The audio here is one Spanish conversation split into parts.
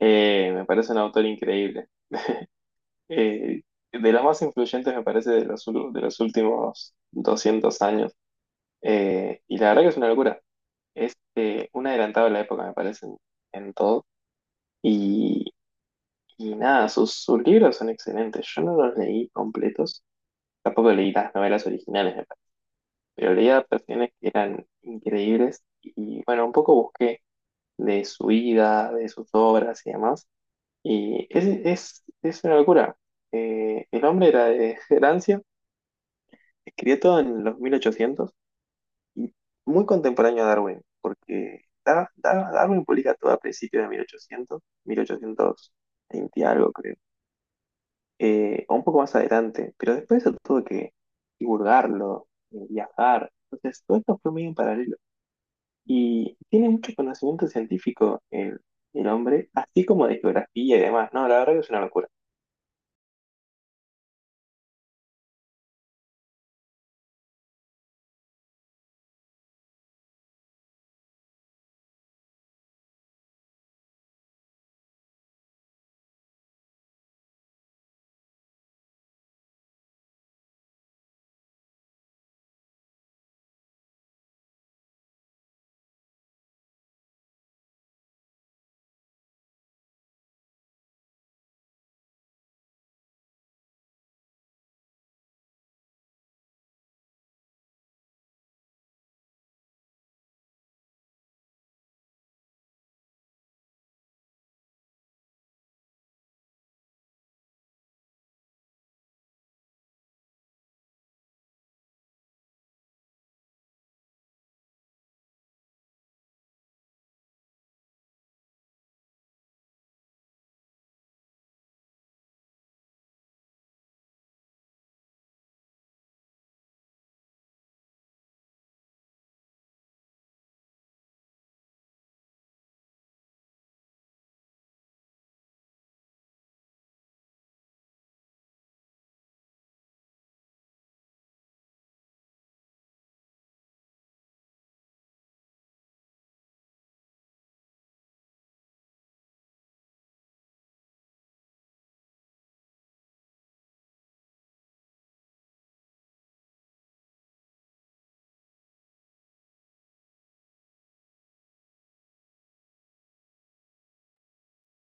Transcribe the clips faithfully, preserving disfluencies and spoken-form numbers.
Eh, me parece un autor increíble. Eh, de los más influyentes, me parece, de los, ul- de los últimos doscientos años. Eh, y la verdad que es una locura. Es eh, un adelantado a la época, me parece, en, en todo. Y, y nada, sus, sus libros son excelentes. Yo no los leí completos. Tampoco leí las novelas originales, me parece. Pero leí adaptaciones que eran increíbles. Y bueno, un poco busqué de su vida, de sus obras y demás. Y es, es, es una locura. Eh, el hombre era de Francia, escribió todo en los mil ochocientos y muy contemporáneo a Darwin, porque Dar- Dar- Darwin publica todo a principios de mil ochocientos, mil ochocientos veinte algo creo, eh, o un poco más adelante, pero después eso tuvo que divulgarlo, eh, viajar, entonces todo esto fue muy en paralelo. Y tiene mucho conocimiento científico el, el hombre, así como de geografía y demás, ¿no? La verdad que es una locura.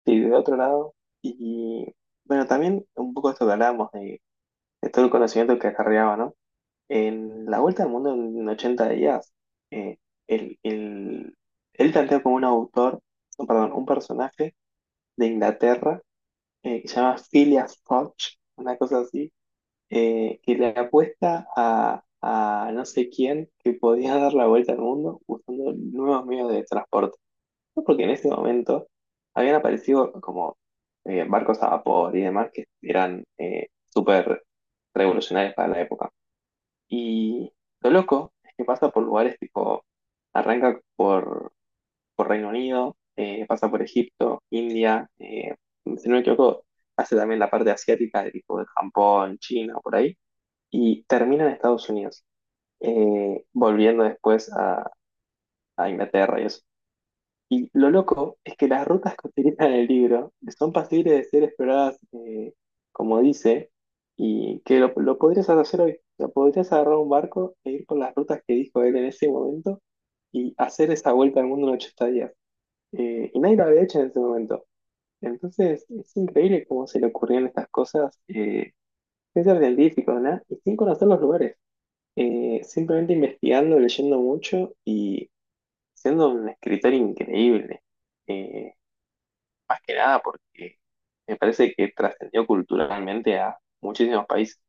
Sí, de otro lado. Y bueno, también un poco esto que hablábamos de, de todo el conocimiento que acarreaba, ¿no? En la vuelta al mundo en ochenta días, eh, el- el- él plantea como un autor, no, perdón, un personaje de Inglaterra, eh, que se llama Phileas Fogg, una cosa así, eh, que le apuesta a, a no sé quién que podía dar la vuelta al mundo usando nuevos medios de transporte porque en ese momento habían aparecido como eh, barcos a vapor y demás que eran eh, súper revolucionarios para la época. Y lo loco es que pasa por lugares tipo, arranca por, por Reino Unido, eh, pasa por Egipto, India, eh, si no me equivoco, hace también la parte asiática de tipo de Japón, China, por ahí, y termina en Estados Unidos, eh, volviendo después a, a Inglaterra y eso. Y lo loco es que las rutas que utilizan en el libro son pasibles de ser exploradas, eh, como dice, y que lo, lo podrías hacer hoy. O sea, podrías agarrar un barco e ir por las rutas que dijo él en ese momento y hacer esa vuelta al mundo en ochenta días. Eh, y nadie lo había hecho en ese momento. Entonces, es increíble cómo se le ocurrieron estas cosas, eh, sin ser científico, ¿no? Y sin conocer los lugares. Eh, simplemente investigando, leyendo mucho y siendo un escritor increíble. Eh, Más que nada porque me parece que trascendió culturalmente a muchísimos países.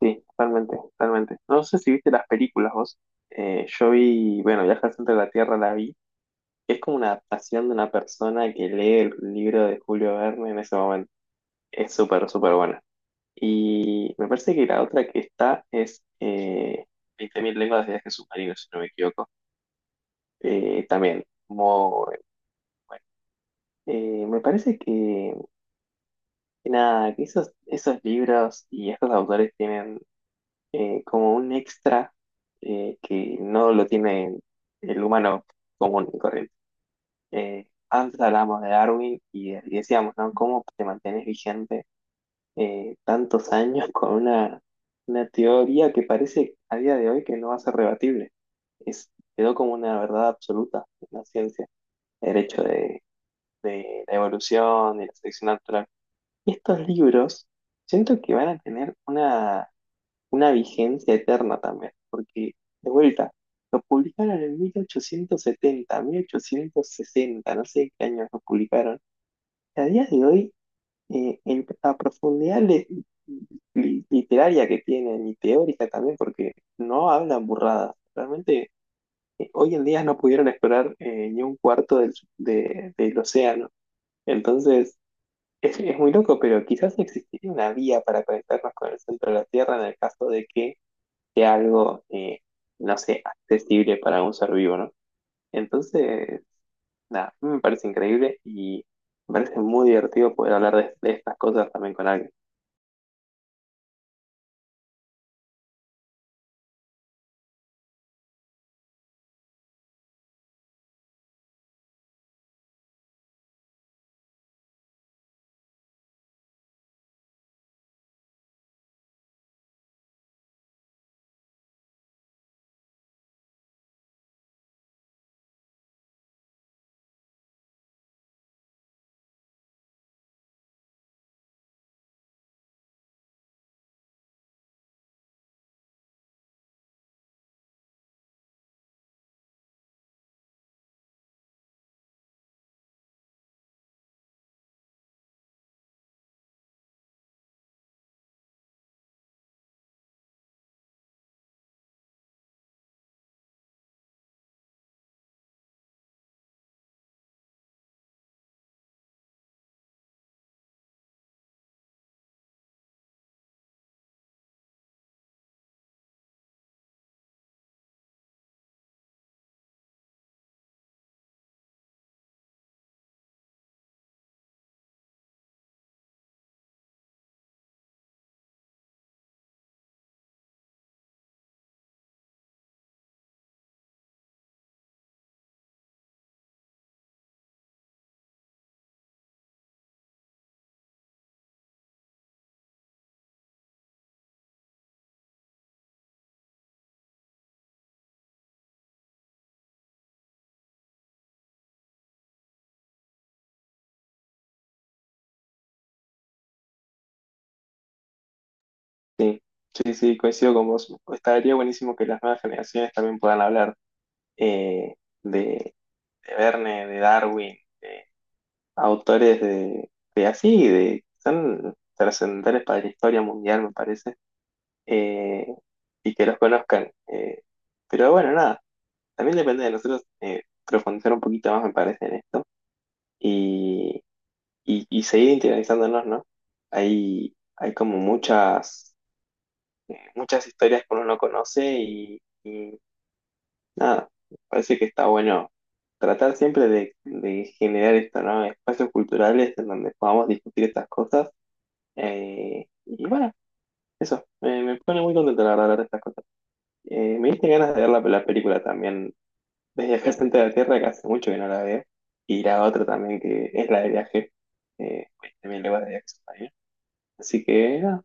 Sí, totalmente, totalmente. No sé si viste las películas vos. Eh, yo vi, bueno, Viaje al centro de la Tierra la vi. Es como una adaptación de una persona que lee el libro de Julio Verne en ese momento. Es súper, súper buena. Y me parece que la otra que está es eh, veinte mil lenguas de viaje submarino, si no me equivoco. Eh, también, muy bueno. Eh, me parece que Y nada, que esos, esos libros y estos autores tienen, eh, como un extra, eh, que no lo tiene el humano común y corriente. Eh, antes hablábamos de Darwin y, y decíamos, ¿no? ¿Cómo te mantienes vigente, eh, tantos años con una, una teoría que parece a día de hoy que no va a ser rebatible? Es, quedó como una verdad absoluta en la ciencia, el hecho de, de la evolución y la selección natural. Y estos libros siento que van a tener una, una vigencia eterna también, porque de vuelta, lo publicaron en mil ochocientos setenta, mil ochocientos sesenta, no sé qué años lo publicaron. Y a día de hoy, eh, en la profundidad le- li- literaria que tienen y teórica también, porque no hablan burradas. Realmente, eh, hoy en día no pudieron explorar, eh, ni un cuarto del, de- del océano. Entonces, es, es muy loco, pero quizás existiría una vía para conectarnos con el centro de la Tierra en el caso de que sea algo, eh, no sé, accesible para un ser vivo, ¿no? Entonces, nada, a mí me parece increíble y me parece muy divertido poder hablar de, de estas cosas también con alguien. Sí, sí, sí, coincido con vos. Estaría buenísimo que las nuevas generaciones también puedan hablar, eh, de, de Verne, de Darwin, de autores de, de así, de son trascendentales para la historia mundial, me parece. eh, y que los conozcan. Eh, pero bueno, nada, también depende de nosotros, eh, profundizar un poquito más, me parece, en esto y, y- y seguir interiorizándonos, ¿no? Hay, hay como muchas, eh, muchas historias que uno no conoce y, y nada, me parece que está bueno tratar siempre de, de generar esto, ¿no? Espacios culturales en donde podamos discutir estas cosas. Eh, y bueno, eso, me, me pone muy contento la verdad hablar de estas cosas. Eh, me diste ganas de ver la, la película también. Desde acá al Centro de la Tierra, que hace mucho que no la veo. Y la otra también, que es la de viaje. Eh, pues, también le va de viaje a España. Así que, nada,